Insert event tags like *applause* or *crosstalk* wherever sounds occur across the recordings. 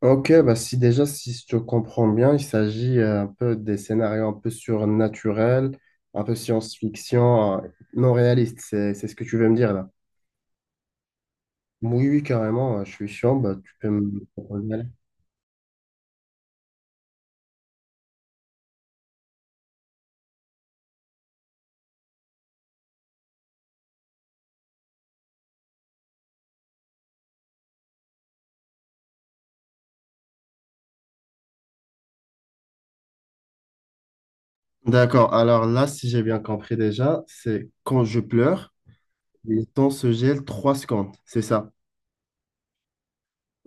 Ok, bah si déjà, si je te comprends bien, il s'agit un peu des scénarios un peu surnaturels, un peu science-fiction, non réaliste, c'est ce que tu veux me dire là. Oui, oui, carrément, je suis chaud, bah, tu peux me proposer, allez. D'accord, alors là, si j'ai bien compris déjà, c'est quand je pleure, le temps se gèle 3 secondes, c'est ça.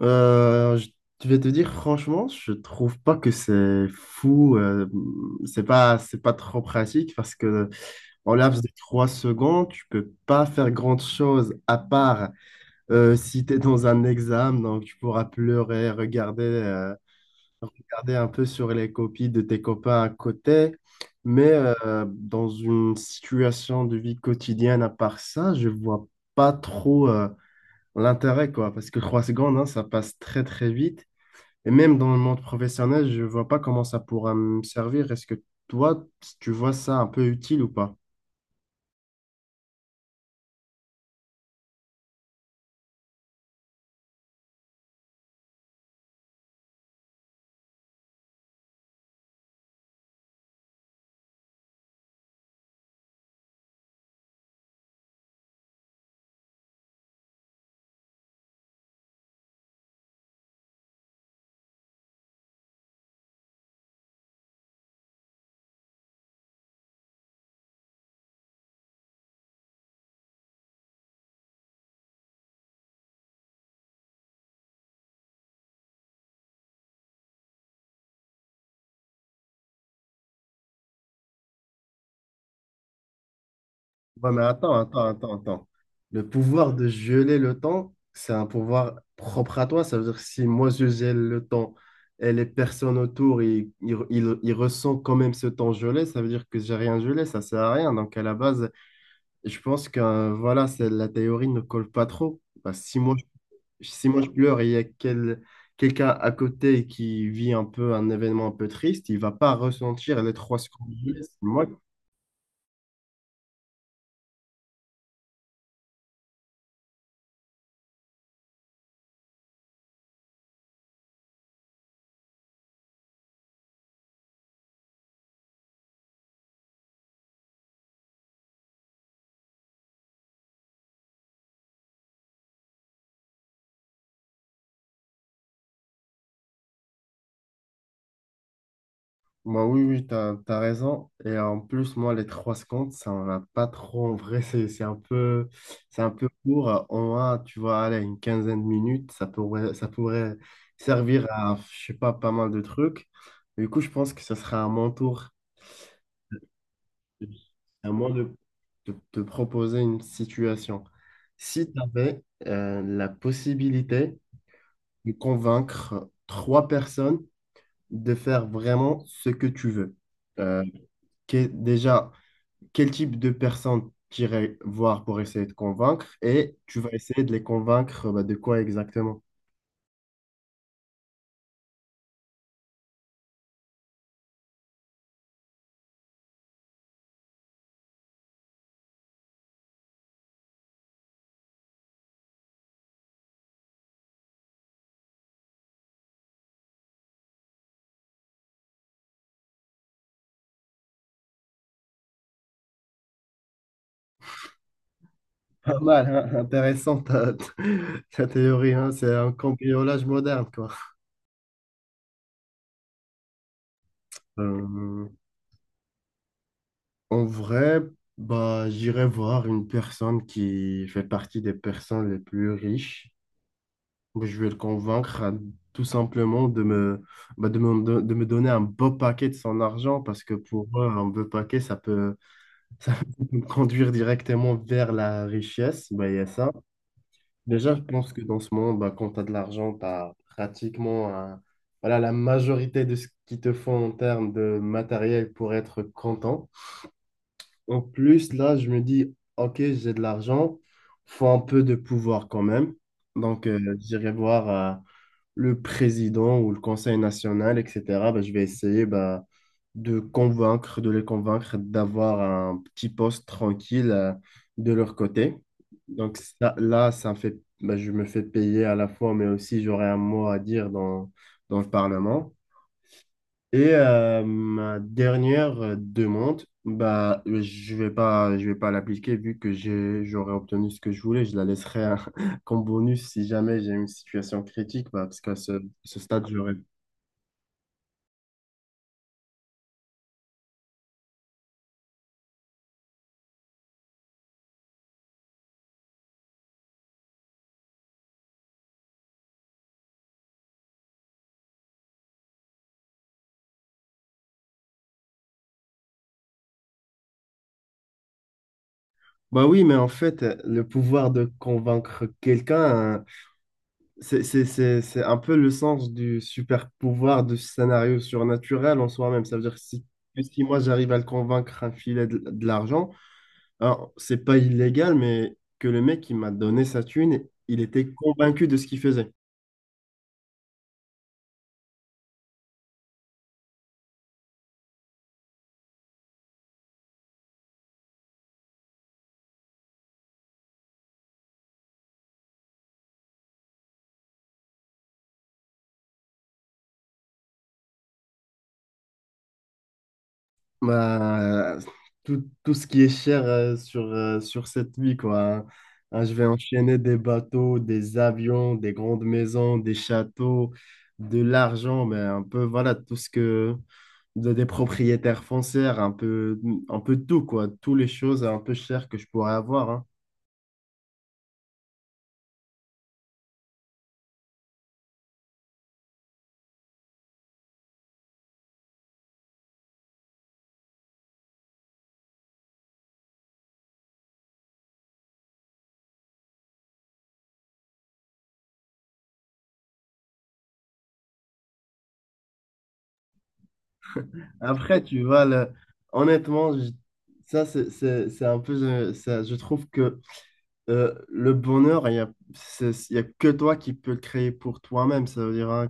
Euh, je je vais te dire, franchement, je trouve pas que c'est fou, c'est pas trop pratique parce que. En laps de trois secondes, tu peux pas faire grande chose à part si tu es dans un examen, donc tu pourras pleurer, regarder un peu sur les copies de tes copains à côté. Mais dans une situation de vie quotidienne, à part ça, je vois pas trop l'intérêt, quoi, parce que trois secondes, hein, ça passe très très vite. Et même dans le monde professionnel, je vois pas comment ça pourra me servir. Est-ce que toi, tu vois ça un peu utile ou pas? Ouais, mais attends, attends, attends, attends. Le pouvoir de geler le temps, c'est un pouvoir propre à toi. Ça veut dire que si moi je gèle le temps et les personnes autour, ils ressentent quand même ce temps gelé, ça veut dire que j'ai rien gelé, ça sert à rien. Donc à la base, je pense que voilà, c'est, la théorie ne colle pas trop. Bah, si moi je pleure et il y a quelqu'un à côté qui vit un peu un événement un peu triste, il va pas ressentir les trois secondes gelées. Bah oui, oui, t'as raison. Et en plus, moi, les trois secondes, ça m'en a pas trop en vrai. C'est un peu court. On a, tu vois, allez, une quinzaine de minutes, ça pourrait servir à, je sais pas, pas mal de trucs. Du coup, je pense que ce sera à mon tour, à moi de te proposer une situation. Si tu avais la possibilité de convaincre trois personnes de faire vraiment ce que tu veux, euh, déjà, quel type de personnes tu irais voir pour essayer de convaincre et tu vas essayer de les convaincre bah, de quoi exactement? Pas mal, hein, intéressant ta, *laughs* ta théorie, hein, c'est un cambriolage moderne, quoi. Euh, en vrai, bah, j'irai voir une personne qui fait partie des personnes les plus riches. Je vais le convaincre tout simplement bah, de me donner un beau paquet de son argent parce que pour eux, un beau paquet, ça peut me *laughs* conduire directement vers la richesse, bah, il y a ça. Déjà, je pense que dans ce monde, bah, quand tu as de l'argent, tu as pratiquement voilà, la majorité de ce qu'il te faut en termes de matériel pour être content. En plus, là, je me dis, OK, j'ai de l'argent, faut un peu de pouvoir quand même. Donc, j'irai voir, le président ou le conseil national, etc., ben, je vais essayer ben, de les convaincre d'avoir un petit poste tranquille de leur côté. Donc ça, là, ça me fait, ben, je me fais payer à la fois, mais aussi j'aurai un mot à dire dans le Parlement. Et ma dernière demande, bah, je vais pas l'appliquer vu que j'ai, j'aurais obtenu ce que je voulais. Je la laisserai hein, *laughs* comme bonus si jamais j'ai une situation critique, bah, parce qu'à ce stade, j'aurais. Bah oui, mais en fait, le pouvoir de convaincre quelqu'un, hein, c'est un peu le sens du super pouvoir du scénario surnaturel en soi-même. Ça veut dire que si moi j'arrive à le convaincre un filet de l'argent. Alors, c'est pas illégal, mais que le mec qui m'a donné sa thune, il était convaincu de ce qu'il faisait. Bah, tout ce qui est cher sur cette vie, quoi. Hein, hein, je vais enchaîner des bateaux, des avions, des grandes maisons, des châteaux, de l'argent, mais un peu, voilà, tout ce que... des propriétaires foncières, un peu tout, quoi. Toutes les choses un peu chères que je pourrais avoir, hein. Après, tu vois, honnêtement, c'est un peu, je trouve que le bonheur, il y a que toi qui peux le créer pour toi-même. Ça veut dire, hein,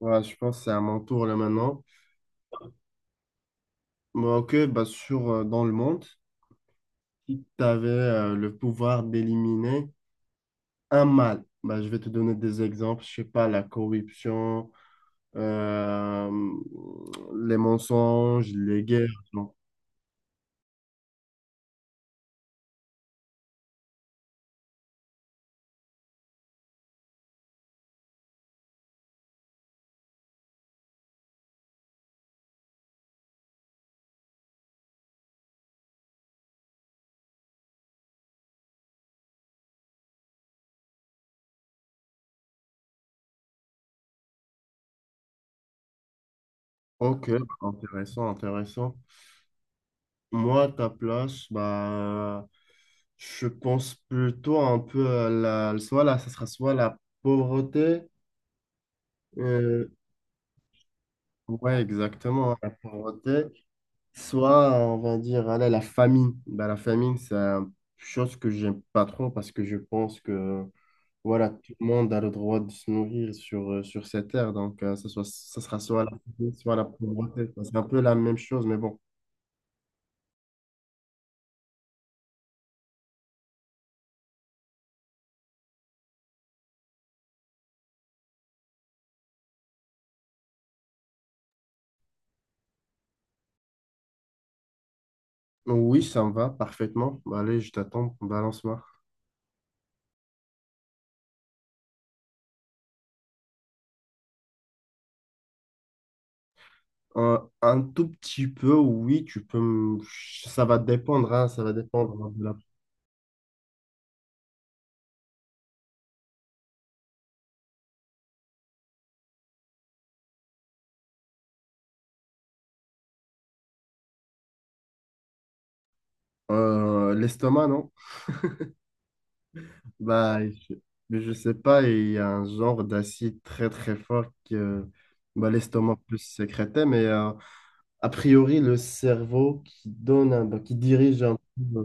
voilà, je pense que c'est à mon tour là maintenant. Bon, ok, bah, dans le monde, si tu avais le pouvoir d'éliminer un mal, bah, je vais te donner des exemples. Je sais pas, la corruption, euh, les mensonges, les guerres, genre. Ok, intéressant, intéressant. Moi, à ta place, bah, je pense plutôt un peu à soit là, ça sera soit la pauvreté, euh, ouais, exactement, hein, la pauvreté, soit on va dire, allez, la famine. Bah, la famine, c'est une chose que j'aime pas trop parce que je pense que voilà, tout le monde a le droit de se nourrir sur cette terre, donc ça sera soit la famine, soit la pauvreté. Enfin, c'est un peu la même chose, mais bon. Oui, ça me va parfaitement. Allez, je t'attends, balance-moi. Un tout petit peu, oui, tu peux. Ça va dépendre, hein, ça va dépendre l'estomac, non? Bah, je sais pas, il y a un genre d'acide très très fort que bah, l'estomac peut sécréter, mais a priori, le cerveau qui donne, bah, qui dirige un peu,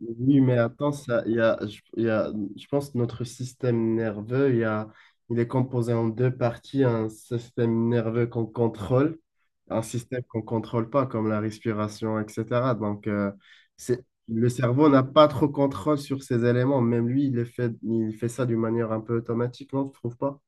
Oui, mais attends, ça, il y a, je, il y a- je pense que notre système nerveux, il est composé en deux parties, un système nerveux qu'on contrôle, un système qu'on contrôle pas, comme la respiration, etc. Donc, le cerveau n'a pas trop contrôle sur ces éléments. Même lui, il les fait, il fait ça d'une manière un peu automatique, non, tu trouves pas?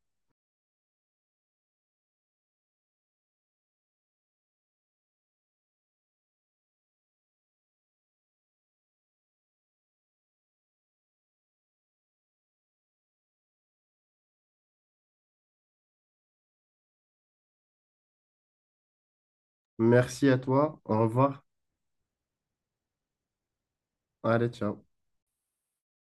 Merci à toi. Au revoir. Allez, ciao.